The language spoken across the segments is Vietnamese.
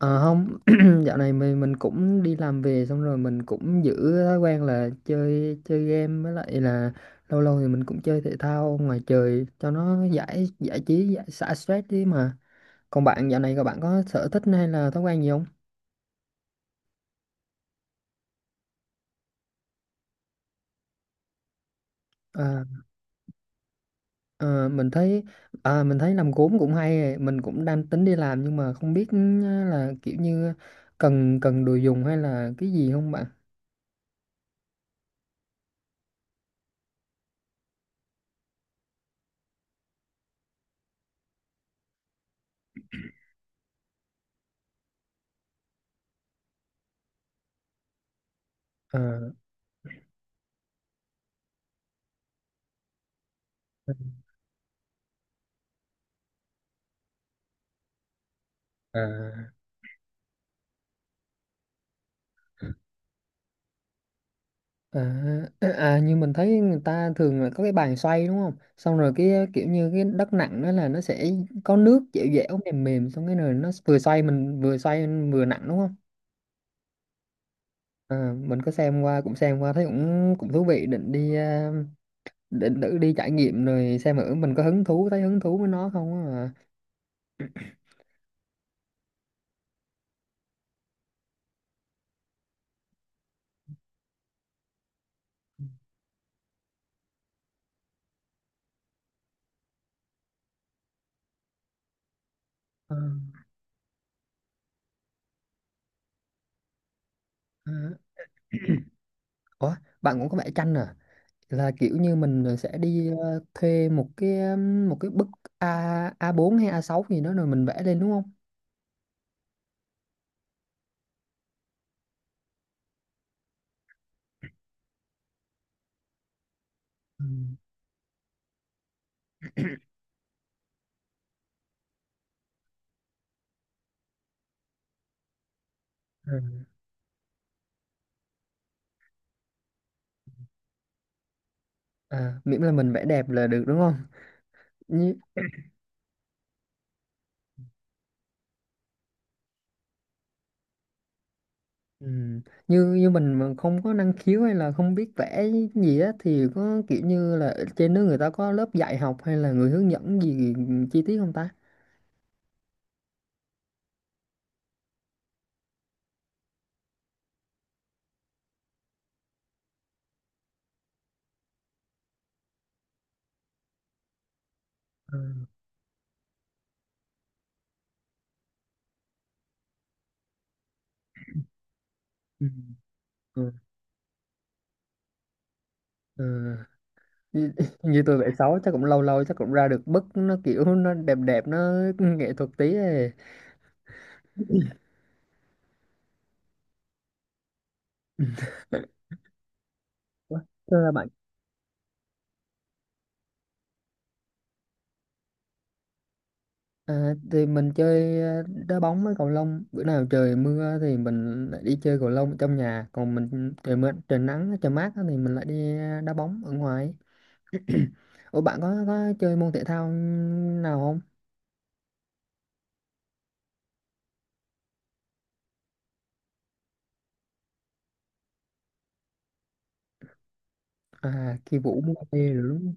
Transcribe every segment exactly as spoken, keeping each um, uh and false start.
Ờ, không, dạo này mình mình cũng đi làm về xong rồi mình cũng giữ thói quen là chơi chơi game với lại là lâu lâu thì mình cũng chơi thể thao ngoài trời cho nó giải giải trí, giải xả stress đi mà. Còn bạn dạo này các bạn có sở thích hay là thói quen gì không? À, ờ, mình thấy à, mình thấy làm gốm cũng hay ấy. Mình cũng đang tính đi làm nhưng mà không biết ừ, là kiểu như cần cần đồ dùng hay là cái gì không bạn? Ờ. À. À, à, à, như mình thấy người ta thường là có cái bàn xoay đúng không? Xong rồi cái kiểu như cái đất nặng đó là nó sẽ có nước dẻo dẻo mềm mềm, xong cái rồi nó vừa xoay mình vừa xoay vừa nặng đúng không? À, mình có xem qua, cũng xem qua thấy cũng cũng thú vị, định đi à, định thử đi trải nghiệm rồi xem thử mình có hứng thú thấy hứng thú với nó không á mà. Ờ. Ờ. Ủa, bạn cũng có vẽ tranh à? Là kiểu như mình sẽ đi ờ, thuê một cái um, một cái bức A A4 hay a sáu gì đó rồi mình vẽ lên đúng không? Ừ, ừ, à, miễn là mình vẽ đẹp là được đúng không? Như, ừ, như như mình mà không có năng khiếu hay là không biết vẽ gì á thì có kiểu như là ở trên nước người ta có lớp dạy học hay là người hướng dẫn gì chi tiết không ta? Ừ, ừ, ừ, ừ. Như, Như tôi vẽ xấu chắc cũng lâu lâu chắc cũng ra được bức nó kiểu nó đẹp đẹp, nó nghệ thuật tí ấy. Ừ. Ủa, thưa bạn. À, thì mình chơi ờ, đá bóng với cầu lông. Bữa nào trời mưa thì mình lại đi chơi cầu lông ở trong nhà, còn mình trời mưa trời nắng trời mát á thì mình lại đi đá bóng ở ngoài. Ủa, bạn có có chơi môn thể thao nào không? À, khi vũ mua về rồi đúng không?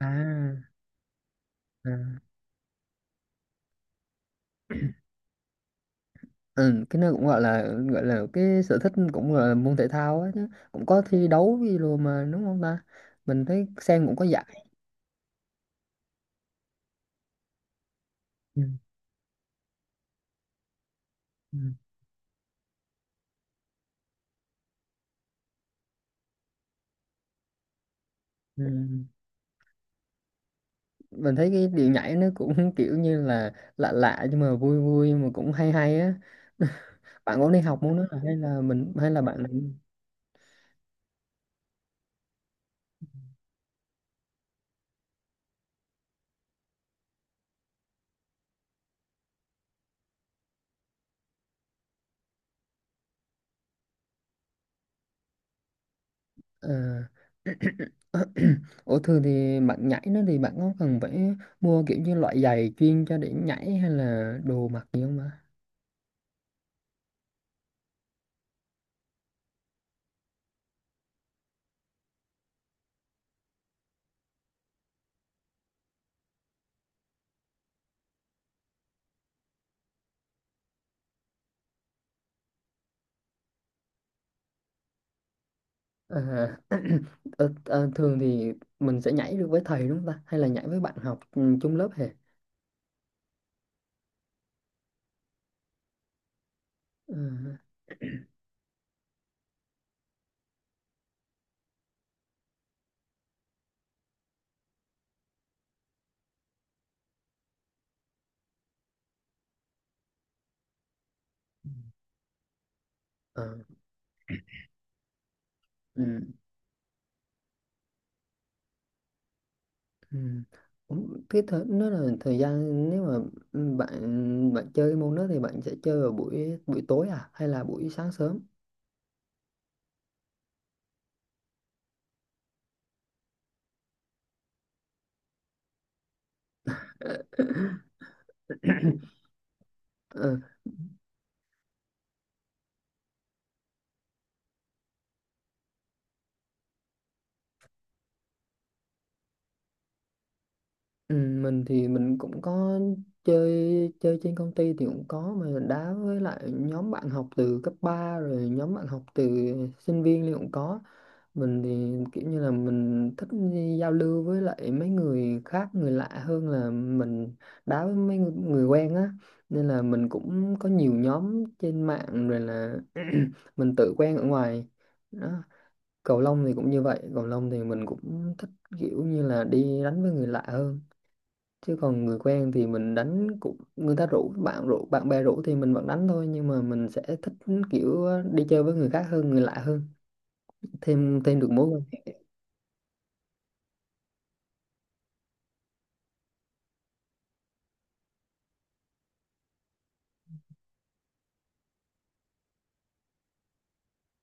À, à. Ừ, cái nó cũng gọi là gọi là cái sở thích, cũng gọi là môn thể thao á, chứ cũng có thi đấu gì rồi mà, đúng không ta? Mình thấy xem cũng có giải. Ừ. Ừ. Ừ. Mình thấy cái điệu nhảy nó cũng kiểu như là lạ lạ nhưng mà vui vui mà cũng hay hay á. Bạn có đi học môn đó à? hay là mình hay là bạn ờ, Ủa, thường thì bạn nhảy nó thì bạn có cần phải mua kiểu như loại giày chuyên cho để nhảy hay là đồ mặc gì không ạ? Ờ. ờ, ờ, Thường thì mình sẽ nhảy được với thầy đúng không ta, hay là nhảy với bạn học ừ, chung lớp hề? Ờ, ờ, ừ. Ừ. Cũng- Cái thời, nó là thời gian, nếu mà ừ, bạn bạn chơi cái môn đó thì bạn sẽ chơi vào buổi buổi tối à hay là buổi sáng sớm? Ừ. Ừ, mình thì mình cũng có chơi chơi trên công ty thì cũng có, mà mình đá với lại nhóm bạn học từ cấp ba rồi nhóm bạn học từ sinh viên thì cũng có. Mình thì kiểu như là mình thích đi giao lưu với lại mấy người khác, người lạ hơn là mình đá với mấy người, người quen á, nên là mình cũng có nhiều nhóm trên mạng rồi là mình tự quen ở ngoài đó. Cầu lông thì cũng như vậy, cầu lông thì mình cũng thích kiểu như là đi đánh với người lạ hơn, chứ còn người quen thì mình đánh cũng, người ta rủ bạn rủ bạn bè rủ thì mình vẫn đánh thôi, nhưng mà mình sẽ thích kiểu đi chơi với người khác hơn, người lạ hơn, thêm thêm được mối quan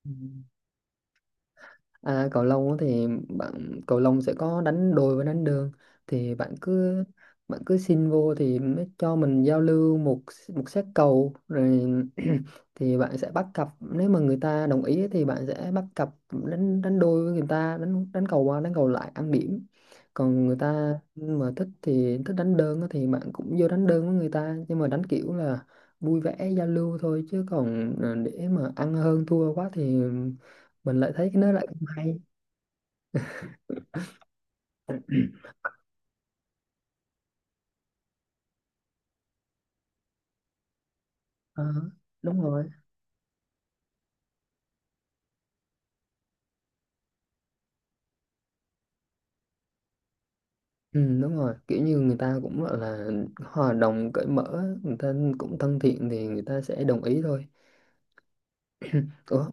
hệ. À, cầu lông á thì bạn, cầu lông sẽ có đánh đôi và đánh đơn, thì bạn cứ bạn cứ xin vô thì mới cho mình giao lưu một một set cầu rồi. Thì bạn sẽ bắt cặp, nếu mà người ta đồng ý thì bạn sẽ bắt cặp đánh đánh đôi với người ta, đánh đánh cầu qua đánh cầu lại ăn điểm. Còn người ta mà thích thì thích đánh đơn á thì bạn cũng vô đánh đơn với người ta, nhưng mà đánh kiểu là vui vẻ giao lưu thôi, chứ còn à, để mà ăn hơn thua quá thì mình lại thấy cái nó lại không hay. Ờ, đúng rồi. Ừ, đúng rồi, kiểu như người ta cũng gọi là hòa đồng cởi mở, người ta cũng thân thiện thì người ta sẽ đồng ý thôi. Ủa,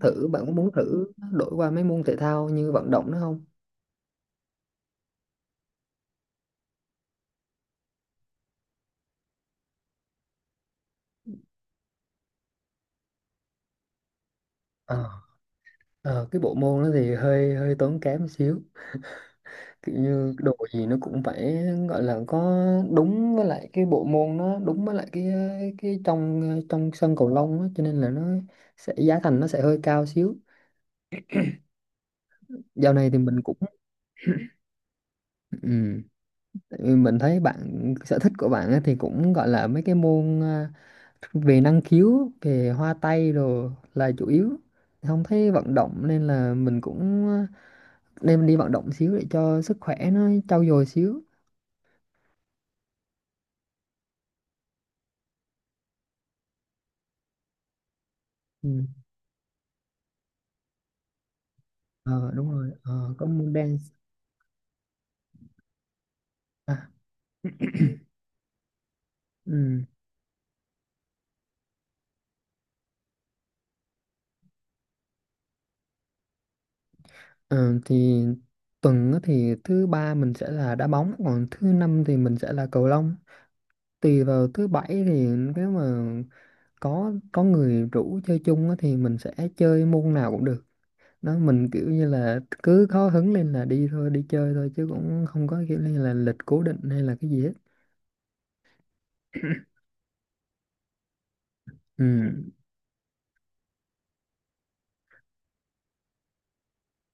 thử bạn có muốn thử đổi qua mấy môn thể thao như vận động nữa không? Ờ, ờ, cái bộ môn đó thì hơi hơi tốn kém một xíu, kiểu như đồ gì nó cũng phải gọi là có đúng với lại cái bộ môn, nó đúng với lại cái cái trong trong sân cầu lông á, cho nên là nó sẽ, giá thành nó sẽ hơi cao xíu. Dạo này thì mình cũng, ừ. Ừ, mình thấy bạn, sở thích của bạn á thì cũng gọi là mấy cái môn à, về năng khiếu, về hoa tay đồ là chủ yếu, không thấy vận động, nên là mình cũng à, nên đi vận động xíu để cho sức khỏe nó trau dồi xíu. Ừ. Ờ, đúng rồi. ờ, có môn dance. À, ừ. Ờ, thì tuần á thì thứ ba mình sẽ là đá bóng, còn thứ năm thì mình sẽ là cầu lông, tùy vào. Thứ bảy thì nếu mà có có người rủ chơi chung á thì mình sẽ chơi môn nào cũng được đó. Mình kiểu như là cứ có hứng lên là đi thôi, đi chơi thôi chứ cũng không có kiểu như là lịch cố định hay là cái gì hết. Ừ.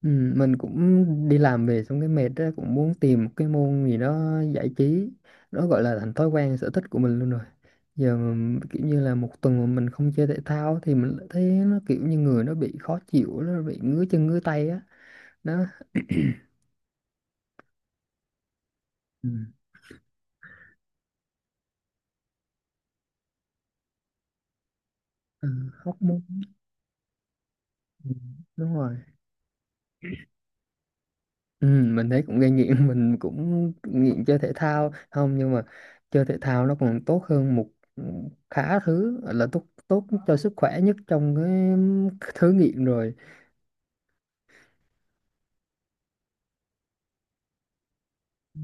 Ừ. Mình cũng đi làm về xong cái mệt á, cũng muốn tìm một cái môn gì đó giải trí, nó gọi là thành thói quen sở thích của mình luôn rồi. Giờ mà kiểu như là một tuần mà mình không chơi thể thao thì mình lại thấy nó kiểu như người nó bị khó chịu, nó bị ngứa chân ngứa tay á đó. Ừ, ừ, hóc môn. Ừ, đúng rồi. Ừ, mình thấy cũng gây nghiện. Mình cũng nghiện chơi thể thao không, nhưng mà chơi thể thao nó còn tốt hơn một, ừ, khá thứ, gọi là tốt, tốt cho sức khỏe nhất trong cái thứ nghiện rồi. Ừ,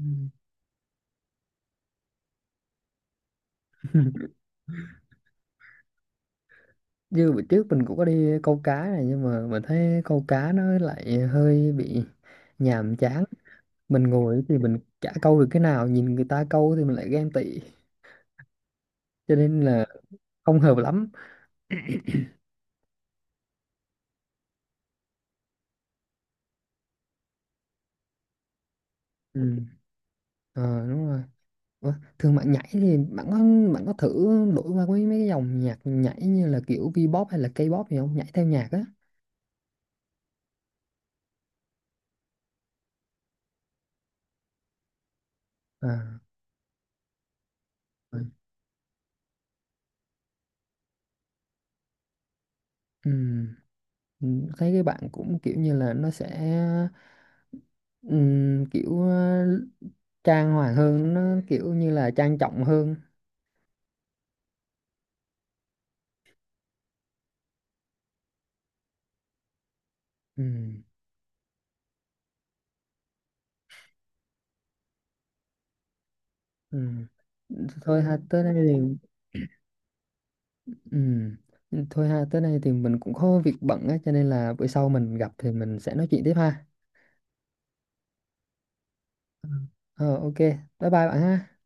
như bữa trước mình cũng có đi câu cá này, nhưng mà mình thấy câu cá nó lại hơi bị nhàm chán. Mình ngồi thì mình chả câu được cái nào, nhìn người ta câu thì mình lại ghen tị, cho nên là không hợp lắm. Ừ. Ờ, đúng rồi. Ủa, thương bạn nhảy thì bạn có bạn có thử đổi qua mấy mấy cái dòng nhạc nhảy như là kiểu V-pop hay là K-pop gì không? Nhảy theo nhạc á. À, ừ. Ừm, ừm, Thấy cái bạn cũng kiểu như là nó sẽ ừm, kiểu ờ, trang hoàng hơn, nó kiểu như là trang trọng hơn. Ừm, ừm. Thôi ha, tới đây thì ừm. Thôi ha, tới đây thì mình cũng có việc bận á, cho nên là bữa sau mình gặp thì mình sẽ nói chuyện tiếp ha. Ừ. Ờ, ok, bye bye bạn ha.